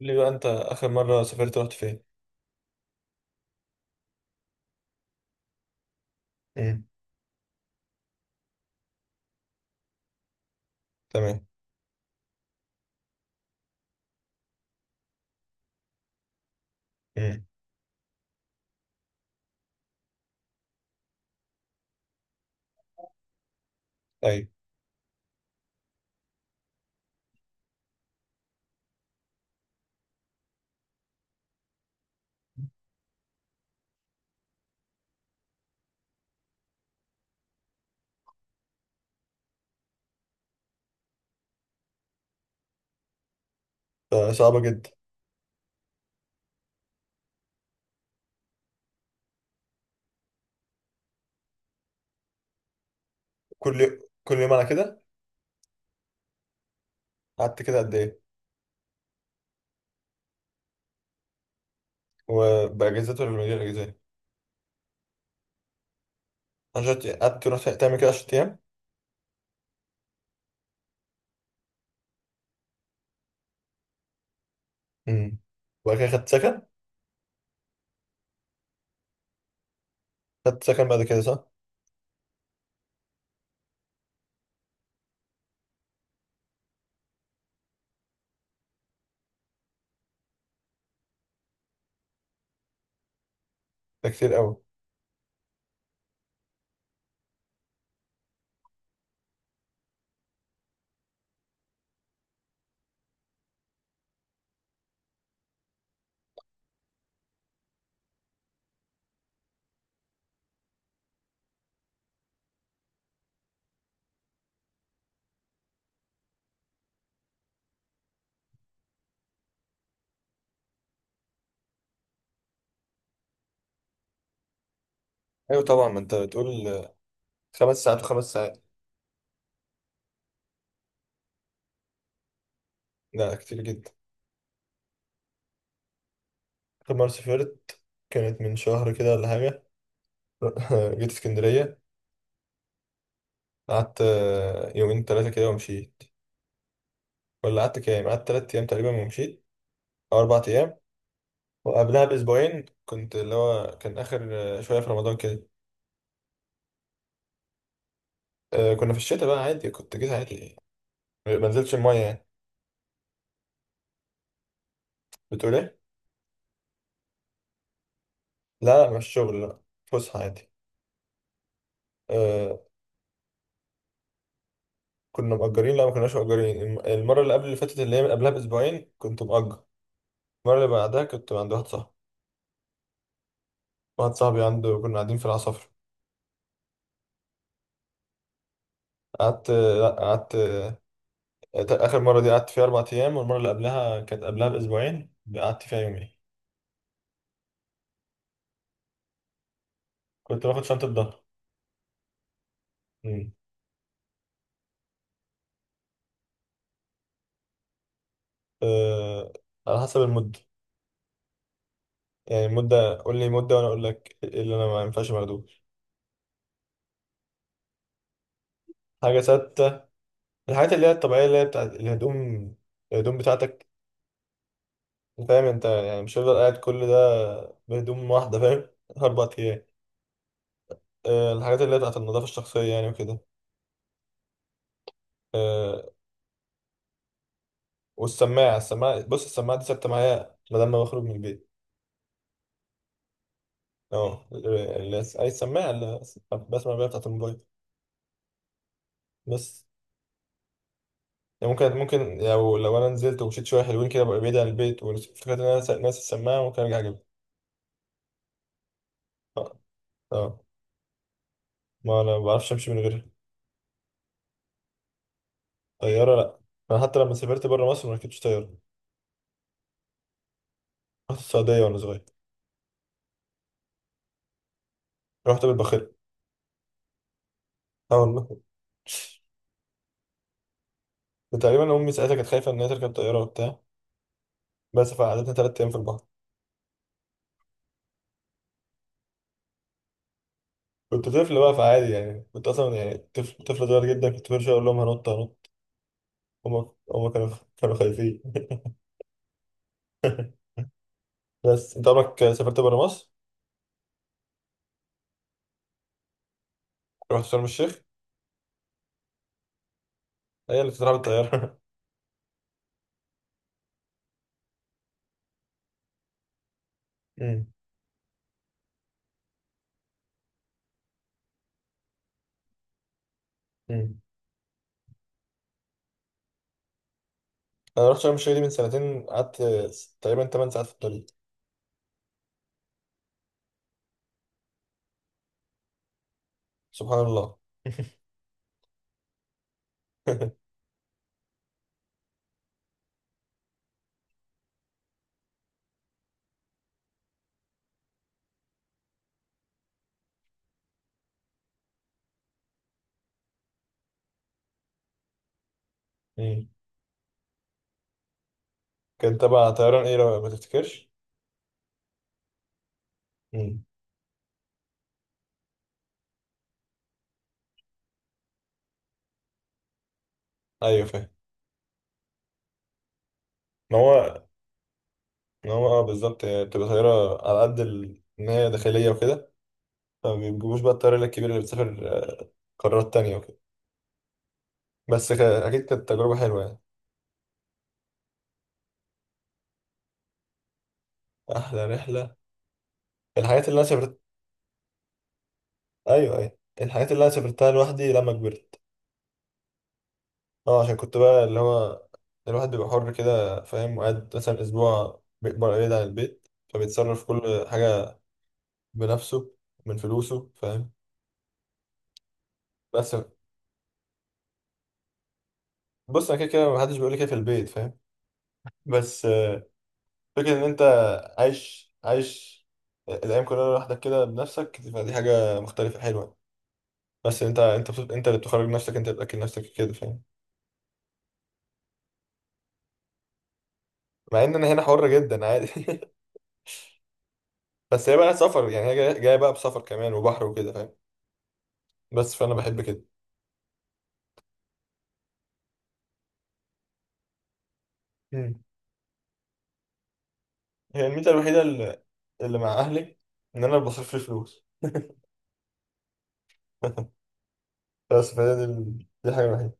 قول لي بقى، انت اخر مره سافرت رحت فين؟ امم. تمام. امم. ايوه. ده صعبه جدا. كل يوم كل يوم على كده؟ قعدت كده قد ايه؟ وباجازات ولا من غير اجازات؟ عشان قعدت رحت تعمل كده 10 ايام؟ امم. وبعد كده خدت سكن؟ خدت سكن بعد كده، صح؟ ده كتير قوي. ايوه طبعا، ما انت بتقول. 5 ساعات و5 ساعات. لا، كتير جدا. اخر مره سافرت كانت من شهر كده ولا حاجه. جيت اسكندريه. قعدت يومين ثلاثه كده ومشيت. ولا قعدت كام، قعدت 3 ايام تقريبا ومشيت. او 4 ايام. وقبلها بأسبوعين كنت اللي هو كان آخر، شوية في رمضان كده. كنا في الشتاء بقى، عادي كنت جيت عادي. ما نزلتش المية يعني. بتقول إيه؟ لا لا، مش شغل لا. فسحة عادي. آه، كنا مأجرين، لا ما كناش مأجرين، المرة اللي قبل اللي فاتت، اللي هي من قبلها بأسبوعين كنت مأجر. المرة اللي بعدها كنت عند واحد صاحبي. واحد صاحبي عنده، كنا قاعدين في العصافرة. لا قعدت آخر مرة دي قعدت فيها 4 أيام، والمرة اللي قبلها كانت قبلها بأسبوعين قعدت فيها يومين. كنت باخد شنطة ظهر. أمم. آه، على حسب المدة. يعني مدة، قول لي مدة وأنا أقول لك إيه اللي أنا ما ينفعش باخدوش. حاجة ستة. الحاجات اللي هي الطبيعية اللي هي بتاعت الهدوم. الهدوم بتاعتك. فاهم أنت، يعني مش هفضل قاعد كل ده بهدوم واحدة، فاهم. 4 أيام. الحاجات اللي هي بتاعت النظافة الشخصية يعني وكده. آه، والسماعة، بص، السماعة دي ثابتة معايا ما دام ما بخرج من البيت. أه، أي سماعة اللي بسمع بيها بتاعت الموبايل. بس. يعني ممكن لو أنا نزلت ومشيت شوية حلوين كده، ببقى بعيد عن البيت وافتكرت إن أنا ناسي السماعة، ممكن أرجع أجيبها. أه. اه، ما انا ما بعرفش امشي من غيرها. طياره؟ لا. انا حتى لما سافرت بره مصر ما ركبتش طياره. رحت السعوديه وانا صغير. رحت بالباخره. اول، ما تقريبا امي ساعتها كانت خايفه ان هي تركب طياره وبتاع. بس فقعدتنا 3 ايام في البحر. كنت طفل بقى، فعادي يعني كنت اصلا يعني طفل صغير جدا، كنت برجع اقول لهم هنط هنط. هما كانوا، كانوا خايفين. بس انت عمرك سافرت بره مصر؟ رحت شرم الشيخ؟ هي اللي بتتراح بالطياره. أمم. أمم. انا رحت شرم الشيخ دي من سنتين، قعدت تقريبا 8 ساعات في الطريق. سبحان الله. مم. كان تبع طيران ايه لو ما تفتكرش؟ مم. ايوه، فاهم. ما هو، اه بالظبط، هي بتبقى طياره على قد ان هي داخليه وكده. فما بيجيبوش بقى الطياره الكبيره اللي بتسافر آه، قارات تانية وكده. بس اكيد كانت تجربه حلوه يعني. احلى رحله، الحاجات اللي انا سافرت. ايوه ايوه، الحاجات اللي انا سافرتها لوحدي لما كبرت. اه عشان كنت بقى اللي هو، الواحد بيبقى حر كده فاهم، وقاعد مثلا اسبوع بيكبر بعيد عن البيت فبيتصرف كل حاجه بنفسه، من فلوسه فاهم. بس، بص انا كده كده محدش بيقول لي كده في البيت فاهم. بس فكره ان انت عايش الايام كلها لوحدك كده بنفسك، فدي حاجه مختلفه حلوه. بس انت اللي بتخرج نفسك، انت اللي بتاكل نفسك كده فاهم. مع ان انا هنا حر جدا عادي بس هي بقى سفر، يعني هي جاية بقى بسفر كمان وبحر وكده فاهم. بس فانا بحب كده. مم. هي الميزه الوحيده اللي مع اهلي، ان انا بصرف لي فلوس. بس فهي دي، دي الحاجه الوحيده.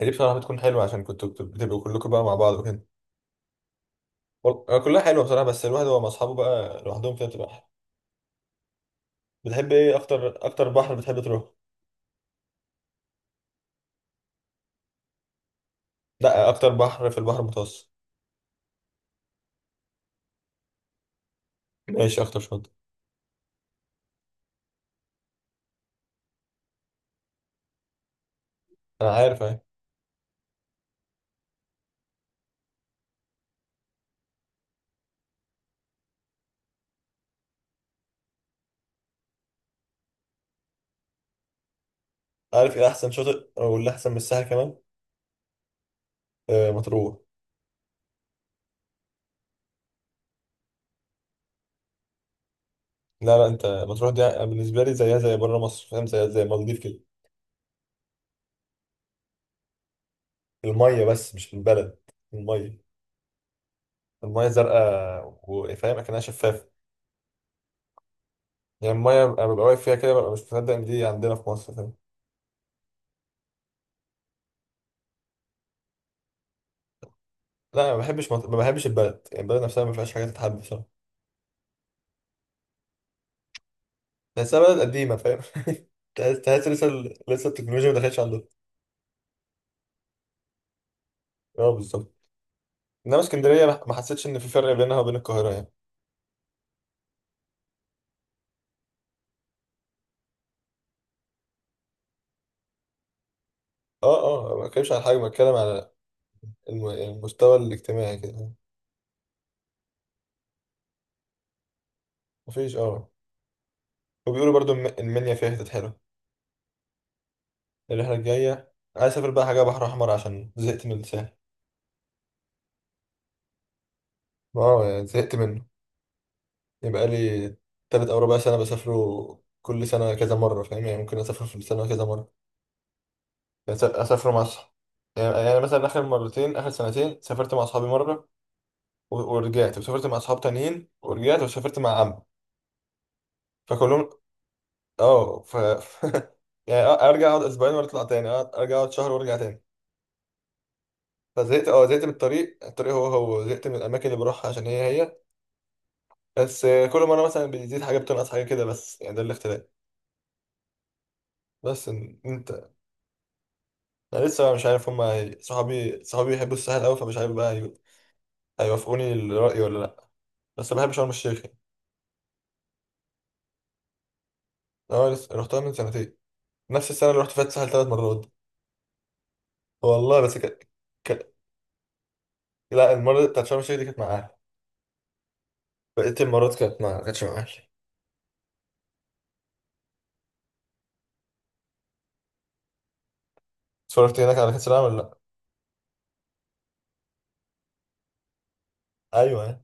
هي دي بصراحه بتكون حلوه، عشان كنتوا بتبقوا كلكم بقى مع بعض وكده. كلها حلوه بصراحه، بس الواحد هو مع اصحابه بقى لوحدهم كده بتبقى احلى. بتحب ايه اكتر اكتر، بحر بتحب تروح؟ لا، اكتر بحر في البحر المتوسط. ماشي اكتر شاطئ. انا عارف اهي. عارف ايه احسن شاطئ او اللي احسن من الساحل كمان؟ آه، مطروح. لا لا، انت مطروح دي بالنسبه لي زيها زي بره مصر فاهم، زي المالديف كده. الميه بس مش البلد. الميه، الميه زرقاء وفاهم اكنها شفافه. يعني الميه انا ببقى واقف فيها كده ببقى مش مصدق ان دي عندنا في مصر فاهم. لا ما بحبش البلد، يعني البلد نفسها ما فيهاش حاجه تتحب بصراحه. بس بلد قديمة فاهم. تحس لسه التكنولوجيا ما دخلتش عندنا. اه بالظبط. انما اسكندرية ما حسيتش ان في فرق بينها وبين القاهرة يعني. اه اه، ما بتكلمش عن حاجة، بتكلم على المستوى الاجتماعي كده. مفيش، اه. وبيقولوا برضو المنيا فيها حتت حلوة. الرحلة الجاية عايز اسافر بقى حاجة بحر احمر عشان زهقت من الساحل. اه يعني زهقت منه. يبقى لي تلات او ربع سنة بسافره، كل سنة كذا مرة فاهم، يعني ممكن اسافر في السنة كذا مرة. اسافر مع اصحابي. يعني مثلا اخر مرتين اخر سنتين سافرت مع اصحابي مره، ورجعت وسافرت مع اصحاب تانيين، ورجعت وسافرت مع عم. فكلهم، اه، يعني ارجع اقعد اسبوعين واطلع تاني، ارجع اقعد شهر وارجع تاني. فزهقت، زهقت من الطريق، الطريق هو زهقت من الاماكن اللي بروحها عشان هي. بس كل مره مثلا بتزيد حاجه بتنقص حاجه كده، بس يعني ده الاختلاف. بس إن انت، انا لسه بقى مش عارف صحابي بيحبوا الساحل قوي، فمش عارف بقى هيوافقوني الرأي ولا لا. بس بحب شرم الشيخ. اه، لسه رحتها من سنتين. نفس السنه اللي رحت فيها الساحل 3 مرات. والله بس كانت، كان... لا، المره بتاعت شرم الشيخ دي كانت مع اهلي. بقيه المرات كانتش مع اهلي. اتفرجت هناك على كاس العالم ولا لا؟ ايوه ايه.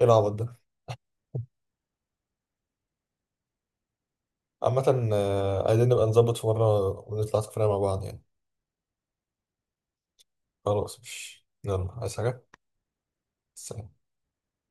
العبط ده! عامه، عايزين نبقى نظبط في مره ونطلع سفريه مع بعض يعني. خلاص، مش، يلا عايز حاجه؟ سلام.